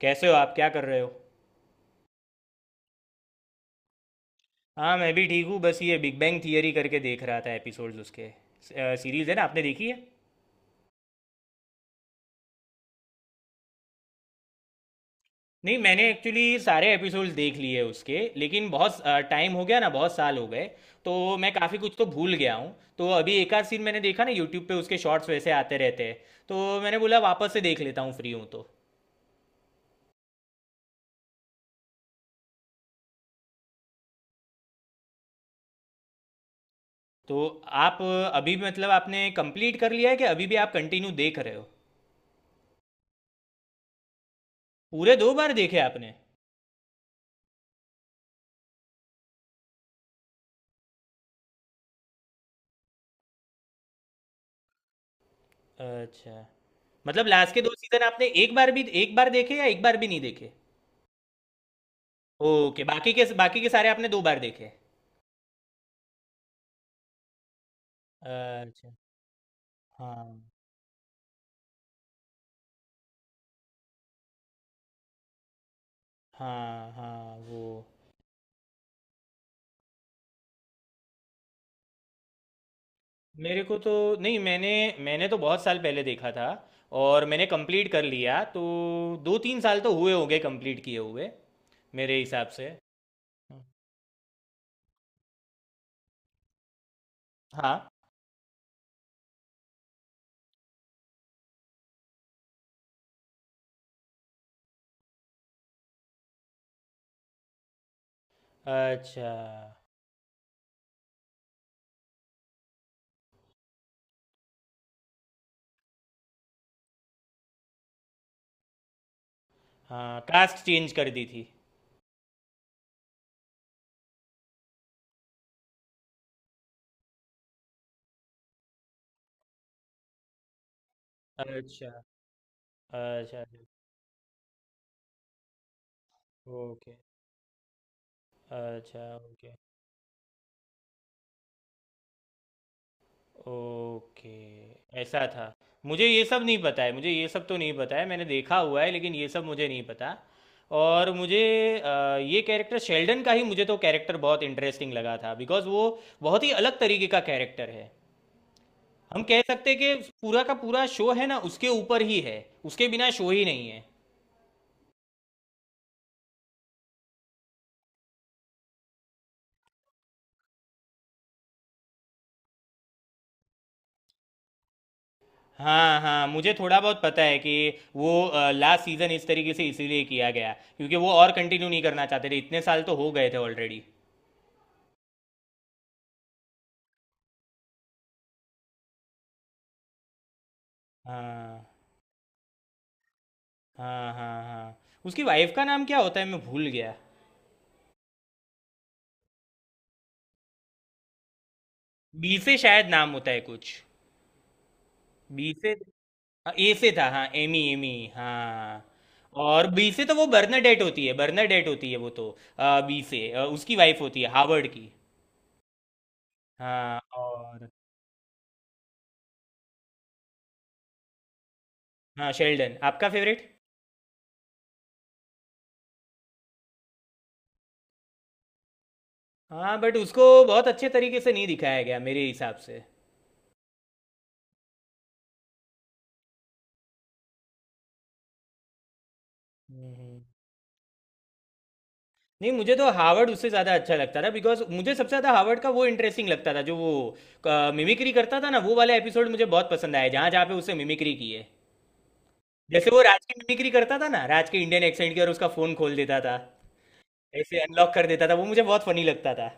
कैसे हो आप? क्या कर रहे हो? हाँ, मैं भी ठीक हूँ। बस ये बिग बैंग थियरी करके देख रहा था, एपिसोड्स उसके। सीरीज़ है ना, आपने देखी है? नहीं, मैंने एक्चुअली सारे एपिसोड्स देख लिए उसके, लेकिन बहुत टाइम हो गया ना, बहुत साल हो गए। तो मैं काफ़ी कुछ तो भूल गया हूँ, तो अभी एक आध सीन मैंने देखा ना यूट्यूब पे, उसके शॉर्ट्स वैसे आते रहते हैं। तो मैंने बोला वापस से देख लेता हूँ, फ्री हूँ तो। तो आप अभी, मतलब, आपने कंप्लीट कर लिया है कि अभी भी आप कंटिन्यू देख रहे हो? पूरे दो बार देखे आपने? अच्छा, मतलब लास्ट के दो सीजन आपने एक बार भी, एक बार देखे या एक बार भी नहीं देखे? ओके, बाकी के सारे आपने दो बार देखे? अच्छा। हाँ हाँ, हाँ वो। मेरे को तो, नहीं मैंने मैंने तो बहुत साल पहले देखा था, और मैंने कंप्लीट कर लिया तो 2-3 साल तो हुए होंगे कंप्लीट किए हुए, मेरे हिसाब से। हम्म। हाँ। अच्छा। हाँ, कास्ट चेंज कर दी थी। अच्छा। अच्छा, ओके। अच्छा, ओके। ओके, ऐसा था। मुझे ये सब नहीं पता है, मुझे ये सब तो नहीं पता है, मैंने देखा हुआ है लेकिन ये सब मुझे नहीं पता। और मुझे ये कैरेक्टर शेल्डन का ही, मुझे तो कैरेक्टर बहुत इंटरेस्टिंग लगा था बिकॉज वो बहुत ही अलग तरीके का कैरेक्टर है। हम कह सकते हैं कि पूरा का पूरा शो है ना उसके ऊपर ही है, उसके बिना शो ही नहीं है। हाँ हाँ, मुझे थोड़ा बहुत पता है कि वो लास्ट सीजन इस तरीके से इसीलिए किया गया, क्योंकि वो और कंटिन्यू नहीं करना चाहते थे, इतने साल तो हो गए थे ऑलरेडी। हाँ हाँ हाँ। हाँ, उसकी वाइफ का नाम क्या होता है? मैं भूल गया। बी से शायद नाम होता है कुछ। बी से। ए से था, हाँ, एमी एमी, हाँ। और बी से तो वो बर्नाडेट होती है, बर्नाडेट होती है वो तो। बी से उसकी वाइफ होती है हार्वर्ड की। हाँ और, हाँ, शेल्डन आपका फेवरेट। हाँ बट उसको बहुत अच्छे तरीके से नहीं दिखाया गया मेरे हिसाब से। हम्म। नहीं, मुझे तो हावर्ड उससे ज़्यादा अच्छा लगता था, बिकॉज मुझे सबसे ज़्यादा हावर्ड का वो इंटरेस्टिंग लगता था, जो वो मिमिक्री करता था ना, वो वाला एपिसोड मुझे बहुत पसंद आया, जहाँ जहाँ पे उससे मिमिक्री की है। जैसे वो राज की मिमिक्री करता था ना, राज के इंडियन एक्सेंट की, और उसका फ़ोन खोल देता था, ऐसे अनलॉक कर देता था, वो मुझे बहुत फनी लगता था।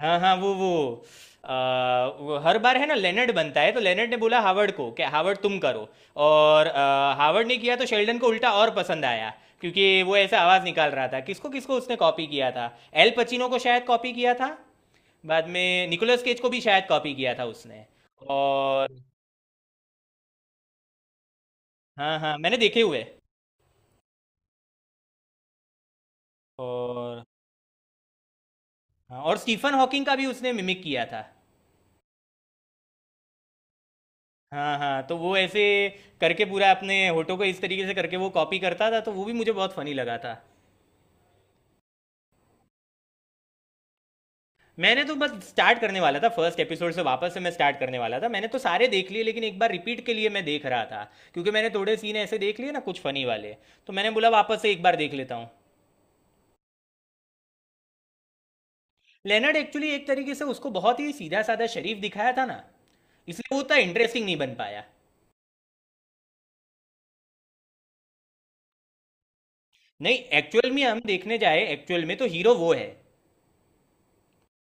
हाँ हाँ, वो वो हर बार है ना, लेनर्ड बनता है तो लेनर्ड ने बोला हावर्ड को कि हावर्ड तुम करो, और हावर्ड ने किया तो शेल्डन को उल्टा और पसंद आया, क्योंकि वो ऐसा आवाज निकाल रहा था। किसको किसको उसने कॉपी किया था? एल पचिनो को शायद कॉपी किया था। बाद में निकोलस केज को भी शायद कॉपी किया था उसने। और हाँ हाँ, मैंने देखे हुए। और हाँ, और स्टीफन हॉकिंग का भी उसने मिमिक किया था। हाँ हाँ, तो वो ऐसे करके, पूरा अपने होठों को इस तरीके से करके वो कॉपी करता था, तो वो भी मुझे बहुत फनी लगा था। मैंने तो बस स्टार्ट करने वाला था, फर्स्ट एपिसोड से वापस से मैं स्टार्ट करने वाला था। मैंने तो सारे देख लिए लेकिन एक बार रिपीट के लिए मैं देख रहा था, क्योंकि मैंने थोड़े सीन ऐसे देख लिए ना कुछ फनी वाले, तो मैंने बोला वापस से एक बार देख लेता हूँ। लेनर्ड एक्चुअली एक तरीके से उसको बहुत ही सीधा साधा शरीफ दिखाया था ना, इसलिए वो उतना इंटरेस्टिंग नहीं बन पाया। नहीं, एक्चुअल में हम देखने जाए, एक्चुअल में तो हीरो वो है।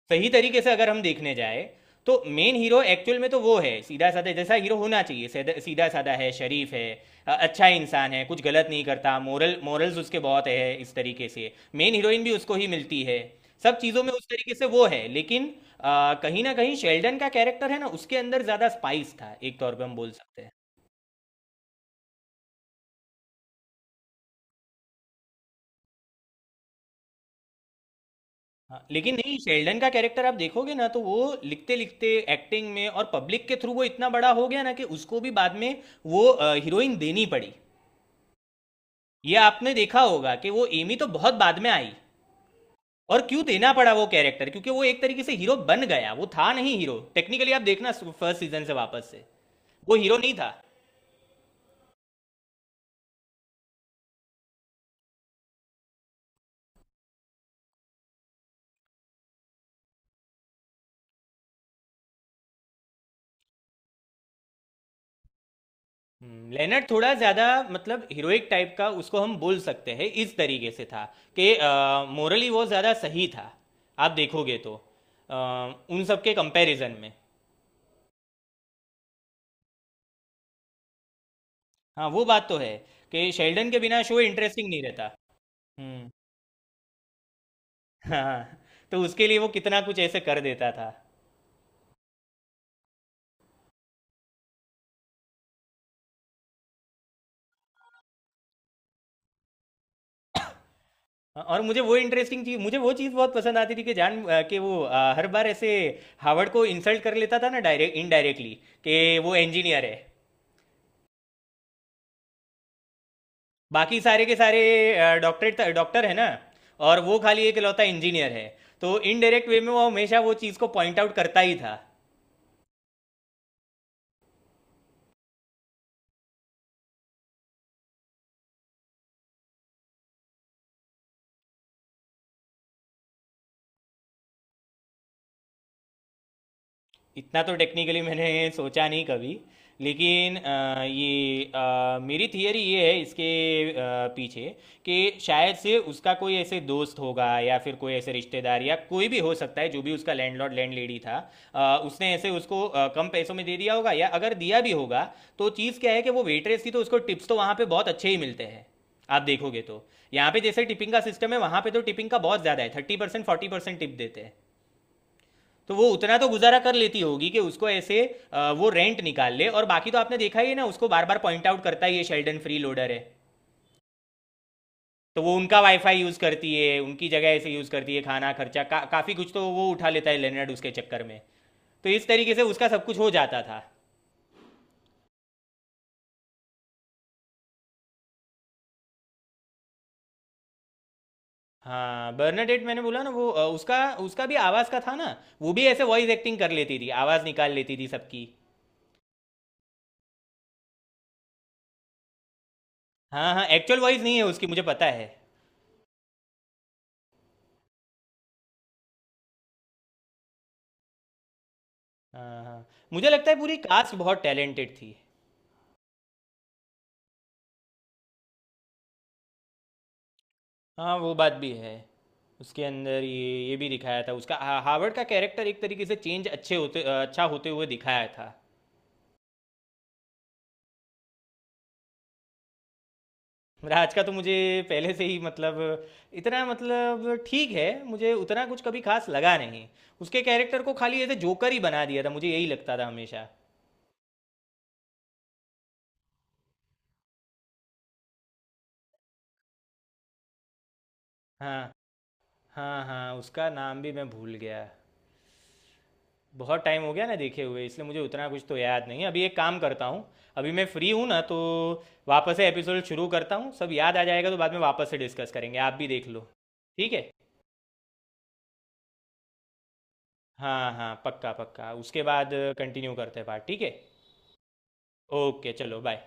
सही तरीके से अगर हम देखने जाए, तो मेन हीरो एक्चुअल में तो वो है, सीधा साधा जैसा हीरो होना चाहिए, सीधा- सीधा साधा है, शरीफ है, अच्छा इंसान है, कुछ गलत नहीं करता, मोरल्स उसके बहुत है, इस तरीके से, मेन हीरोइन भी उसको ही मिलती है, सब चीज़ों में उस तरीके से वो है। लेकिन कहीं ना कहीं शेल्डन का कैरेक्टर है ना, उसके अंदर ज़्यादा स्पाइस था, एक तौर पे हम बोल सकते हैं। हाँ, लेकिन नहीं, शेल्डन का कैरेक्टर आप देखोगे ना तो वो लिखते लिखते एक्टिंग में और पब्लिक के थ्रू वो इतना बड़ा हो गया ना कि उसको भी बाद में वो हीरोइन देनी पड़ी। ये आपने देखा होगा कि वो एमी तो बहुत बाद में आई। और क्यों देना पड़ा वो कैरेक्टर? क्योंकि वो एक तरीके से हीरो बन गया, वो था नहीं हीरो टेक्निकली। आप देखना फर्स्ट सीजन से वापस से, वो हीरो नहीं था। लेनर्ड थोड़ा ज्यादा, मतलब हीरोइक टाइप का उसको हम बोल सकते हैं, इस तरीके से था कि मोरली वो ज्यादा सही था, आप देखोगे तो, अ, उन सब के कंपैरिजन में। हाँ, वो बात तो है कि शेल्डन के बिना शो इंटरेस्टिंग नहीं रहता। हम्म। हाँ। तो उसके लिए वो कितना कुछ ऐसे कर देता था। और मुझे वो इंटरेस्टिंग चीज मुझे वो चीज़ बहुत पसंद आती थी, कि जान कि वो हर बार ऐसे हावर्ड को इंसल्ट कर लेता था ना, डायरेक्ट इनडायरेक्टली, कि वो इंजीनियर है, बाकी सारे के सारे डॉक्टरेट डॉक्टर है ना, और वो खाली एक लौता इंजीनियर है। तो इनडायरेक्ट वे में वो हमेशा वो चीज़ को पॉइंट आउट करता ही था। इतना तो टेक्निकली मैंने सोचा नहीं कभी, लेकिन ये मेरी थियरी ये है इसके अ, पीछे, कि शायद से उसका कोई ऐसे दोस्त होगा, या फिर कोई ऐसे रिश्तेदार, या कोई भी हो सकता है जो भी उसका लैंडलॉर्ड लैंड लेडी था, उसने ऐसे उसको कम पैसों में दे दिया होगा। या अगर दिया भी होगा, तो चीज़ क्या है कि वो वेटरेस थी तो उसको टिप्स तो वहाँ पे बहुत अच्छे ही मिलते हैं, आप देखोगे तो। यहाँ पे जैसे टिपिंग का सिस्टम है, वहाँ पे तो टिपिंग का बहुत ज़्यादा है, 30% 40% टिप देते हैं। तो वो उतना तो गुजारा कर लेती होगी कि उसको ऐसे वो रेंट निकाल ले, और बाकी तो आपने देखा ही है ना, उसको बार बार पॉइंट आउट करता ही है ये, शेल्डन फ्री लोडर है। तो वो उनका वाईफाई यूज़ करती है, उनकी जगह ऐसे यूज़ करती है, खाना खर्चा का काफ़ी कुछ तो वो उठा लेता है, लेनर्ड उसके चक्कर में। तो इस तरीके से उसका सब कुछ हो जाता था। हाँ, बर्नाडेट, मैंने बोला ना वो उसका उसका भी आवाज़ का था ना, वो भी ऐसे वॉइस एक्टिंग कर लेती थी, आवाज़ निकाल लेती थी सबकी। हाँ हाँ, एक्चुअल वॉइस नहीं है उसकी, मुझे पता है। हाँ। हाँ, मुझे लगता है पूरी कास्ट बहुत टैलेंटेड थी। हाँ, वो बात भी है, उसके अंदर ये भी दिखाया था, उसका हावर्ड का कैरेक्टर एक तरीके से चेंज, अच्छा होते हुए दिखाया था। राज का तो मुझे पहले से ही, मतलब, इतना, मतलब ठीक है, मुझे उतना कुछ कभी खास लगा नहीं, उसके कैरेक्टर को खाली ऐसे जोकर ही बना दिया था, मुझे यही लगता था हमेशा। हाँ हाँ हाँ, उसका नाम भी मैं भूल गया। बहुत टाइम हो गया ना देखे हुए, इसलिए मुझे उतना कुछ तो याद नहीं है। अभी एक काम करता हूँ, अभी मैं फ्री हूँ ना तो वापस से एपिसोड शुरू करता हूँ, सब याद आ जाएगा, तो बाद में वापस से डिस्कस करेंगे, आप भी देख लो। ठीक है। हाँ हाँ, पक्का पक्का, उसके बाद कंटिन्यू करते हैं बात। ठीक है। ओके, चलो बाय।